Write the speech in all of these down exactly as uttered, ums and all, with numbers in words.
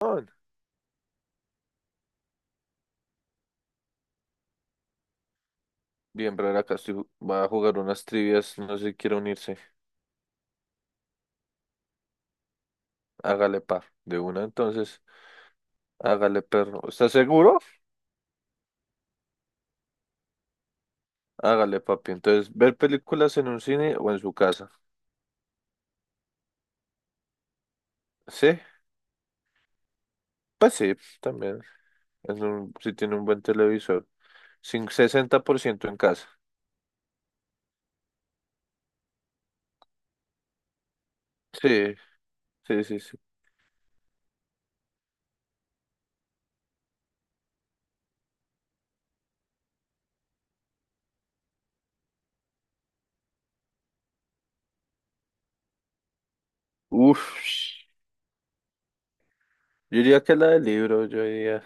Juan. Bien, brother, acá estoy, va a jugar unas trivias, no sé si quiere unirse. Hágale, par. De una, entonces, hágale, perro. ¿Estás seguro? Hágale, papi. Entonces, ver películas en un cine o en su casa. ¿Sí? Pues sí, también. Es un- si tiene un buen televisor. Sin sesenta por ciento en casa. Sí, sí, sí, sí. Uf, yo diría que la del libro, yo diría.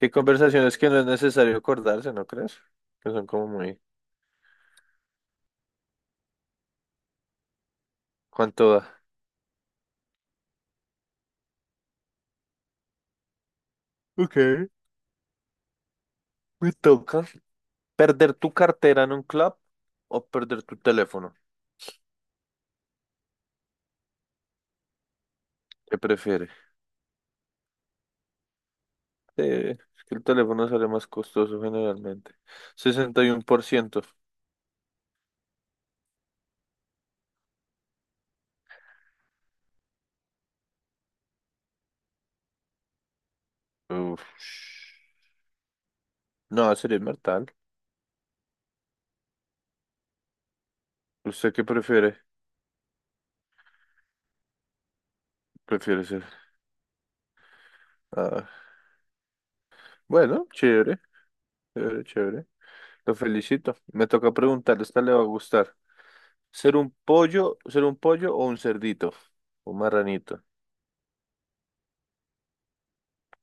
Qué conversaciones que no es necesario acordarse, ¿no crees? Que son como muy... ¿Cuánto da? Ok, me toca. ¿Perder tu cartera en un club o perder tu teléfono? ¿Qué prefieres? Eh, es que el teléfono sale más costoso generalmente. sesenta y uno por ciento. Uf. No, sería inmortal. ¿Usted qué prefiere? Prefiere ser. Ah, bueno, chévere, chévere, chévere. Lo felicito. Me toca preguntarle, esta le va a gustar. ¿Ser un pollo, ser un pollo o un cerdito? Un marranito.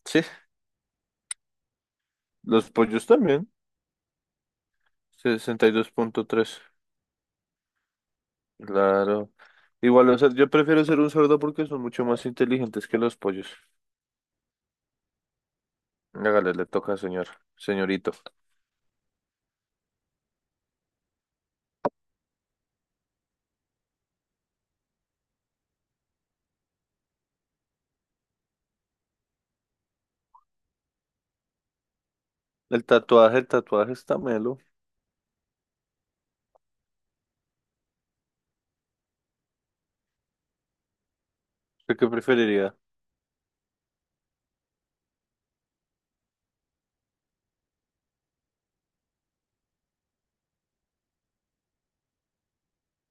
Sí, los pollos también. Sesenta y dos punto tres. Claro. Igual, o sea, yo prefiero ser un cerdo porque son mucho más inteligentes que los pollos. Hágale, le toca, señor, señorito. El tatuaje, el tatuaje está melo. ¿Usted qué preferiría?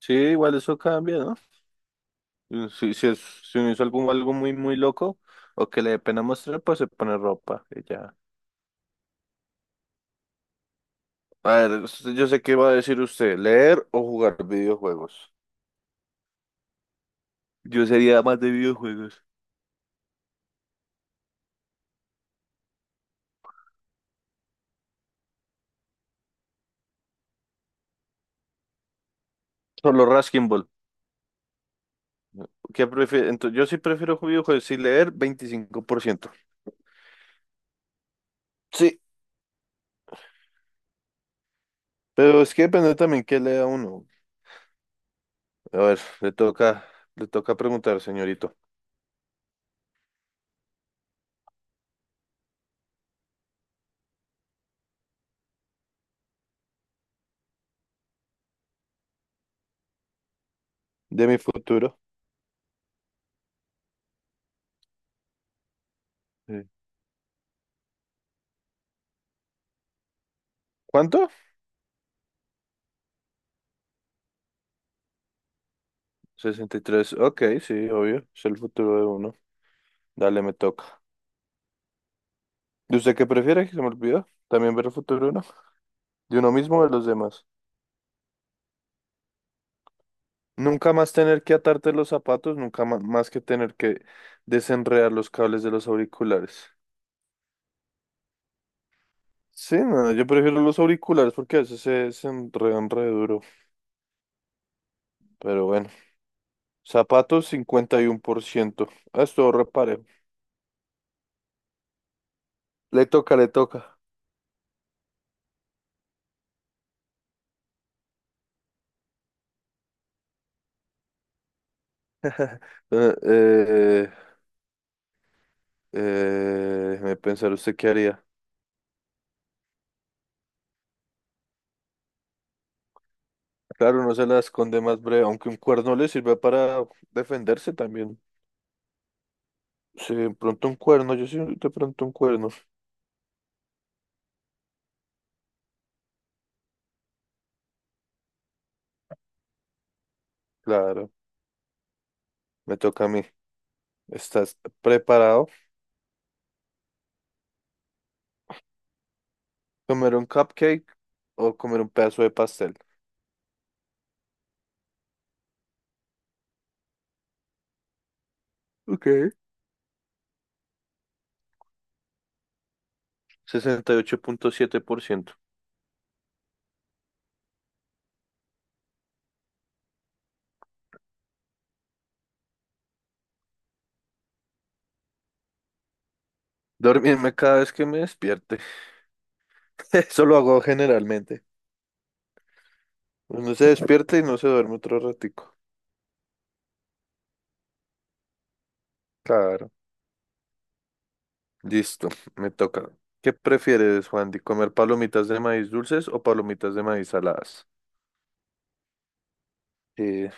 Sí, igual eso cambia, ¿no? Mm, si, si, es, si uno hizo algo, algo muy, muy loco o que le dé pena mostrar, pues se pone ropa y ya. A ver, usted- yo sé qué va a decir usted, leer o jugar videojuegos. Yo sería más de videojuegos. Solo Raskin Ball. ¿Qué prefiere? Entonces, yo sí prefiero videojuegos, sí leer veinticinco por ciento sí. Pero es que depende también qué lea uno. A ver, le toca, le toca preguntar, señorito. De mi futuro. Sí. ¿Cuánto? Sesenta y tres, ok, sí, obvio. Es el futuro de uno. Dale, me toca. ¿De usted qué prefiere? Que se me olvidó. También ver el futuro de uno. De uno mismo o de los demás. Nunca más tener que atarte los zapatos, nunca ma- más que tener que desenredar los cables de los auriculares. Sí, no, yo prefiero los auriculares porque a veces se desenredan re duro. Pero bueno, zapatos cincuenta y uno por ciento. Ah, esto repare. Le toca, le toca. Eh, eh, eh, déjeme pensar, ¿usted qué haría? Claro, no se la esconde más breve, aunque un cuerno le sirve para defenderse también. Sí, de pronto un cuerno, yo sí, de pronto un cuerno. Claro, me toca a mí. ¿Estás preparado? ¿Comer un cupcake o comer un pedazo de pastel? Ok. Sesenta y ocho punto siete por ciento. Dormirme cada vez que me despierte. Eso lo hago generalmente. Uno se despierta y no se duerme otro ratico. Claro. Listo, me toca. ¿Qué prefieres, Juan, de comer palomitas de maíz dulces o palomitas de maíz saladas? Eh,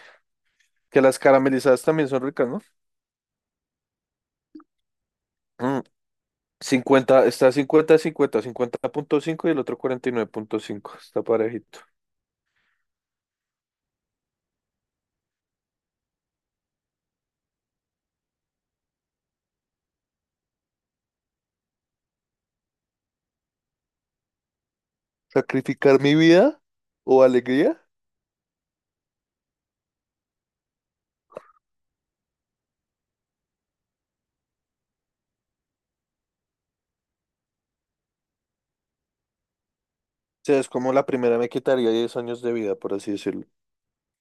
que las caramelizadas también son ricas, ¿no? Mm, cincuenta está cincuenta a cincuenta, cincuenta punto cinco y el otro cuarenta y nueve punto cinco. Está parejito. ¿Sacrificar mi vida o alegría? O sea, es como la primera me quitaría diez años de vida, por así decirlo.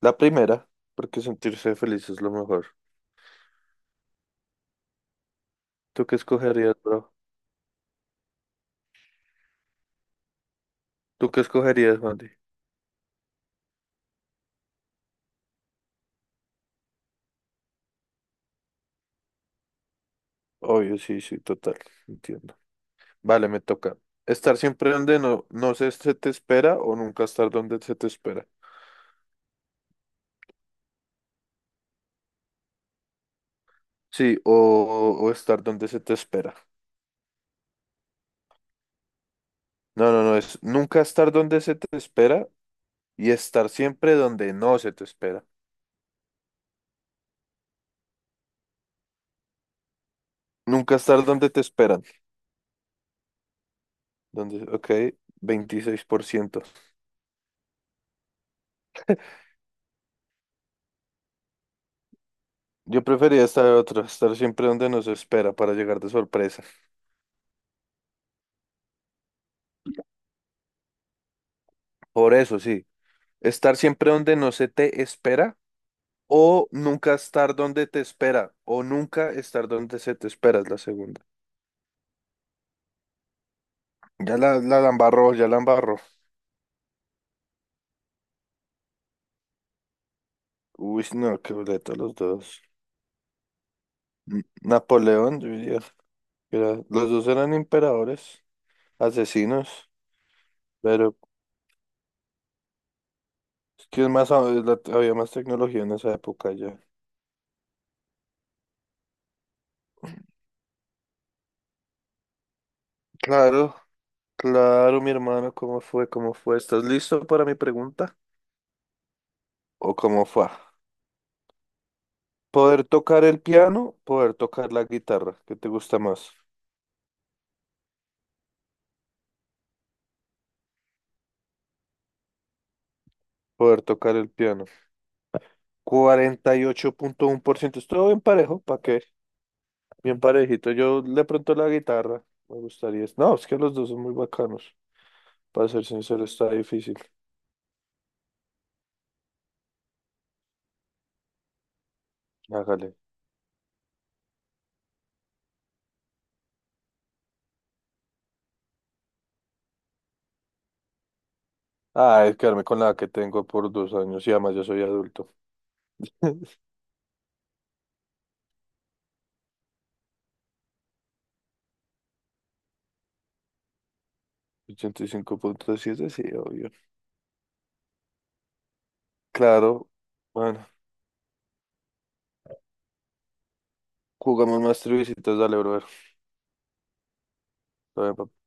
La primera, porque sentirse feliz es lo mejor. ¿Tú qué escogerías, bro? ¿Tú qué escogerías, Juan? Obvio, sí, sí, total, entiendo. Vale, me toca. Estar siempre donde no, no se, se te espera o nunca estar donde se te espera. Sí, o, o estar donde se te espera. No, no, no, es nunca estar donde se te espera y estar siempre donde no se te espera. Nunca estar donde te esperan. Donde, ok, veintiséis por ciento. Yo prefería estar otro, estar siempre donde no se espera para llegar de sorpresa. Por eso, sí. Estar siempre donde no se te espera. O nunca estar donde te espera. O nunca estar donde se te espera es la segunda. Ya la, la, la embarró, ya la embarró. Uy, no, qué boleta los dos. N- Napoleón, yo diría. Que era- los dos eran emperadores, asesinos. Pero es que es más, a- es la- había más tecnología en esa época ya. Claro, claro, mi hermano, ¿cómo fue? ¿Cómo fue? ¿Estás listo para mi pregunta? ¿O cómo fue? Poder tocar el piano, poder tocar la guitarra. ¿Qué te gusta más? Poder tocar el piano. cuarenta y ocho punto uno por ciento. Estuvo bien parejo, ¿para qué? Bien parejito. Yo de pronto la guitarra me gustaría. No, es que los dos son muy bacanos. Para ser sincero, está difícil. Hágale. Ah, es quedarme con la que tengo por dos años y además yo soy adulto. Ochenta y cinco punto siete sí, obvio. Claro. Bueno, jugamos más triviecitas, dale, brother. Todo bien,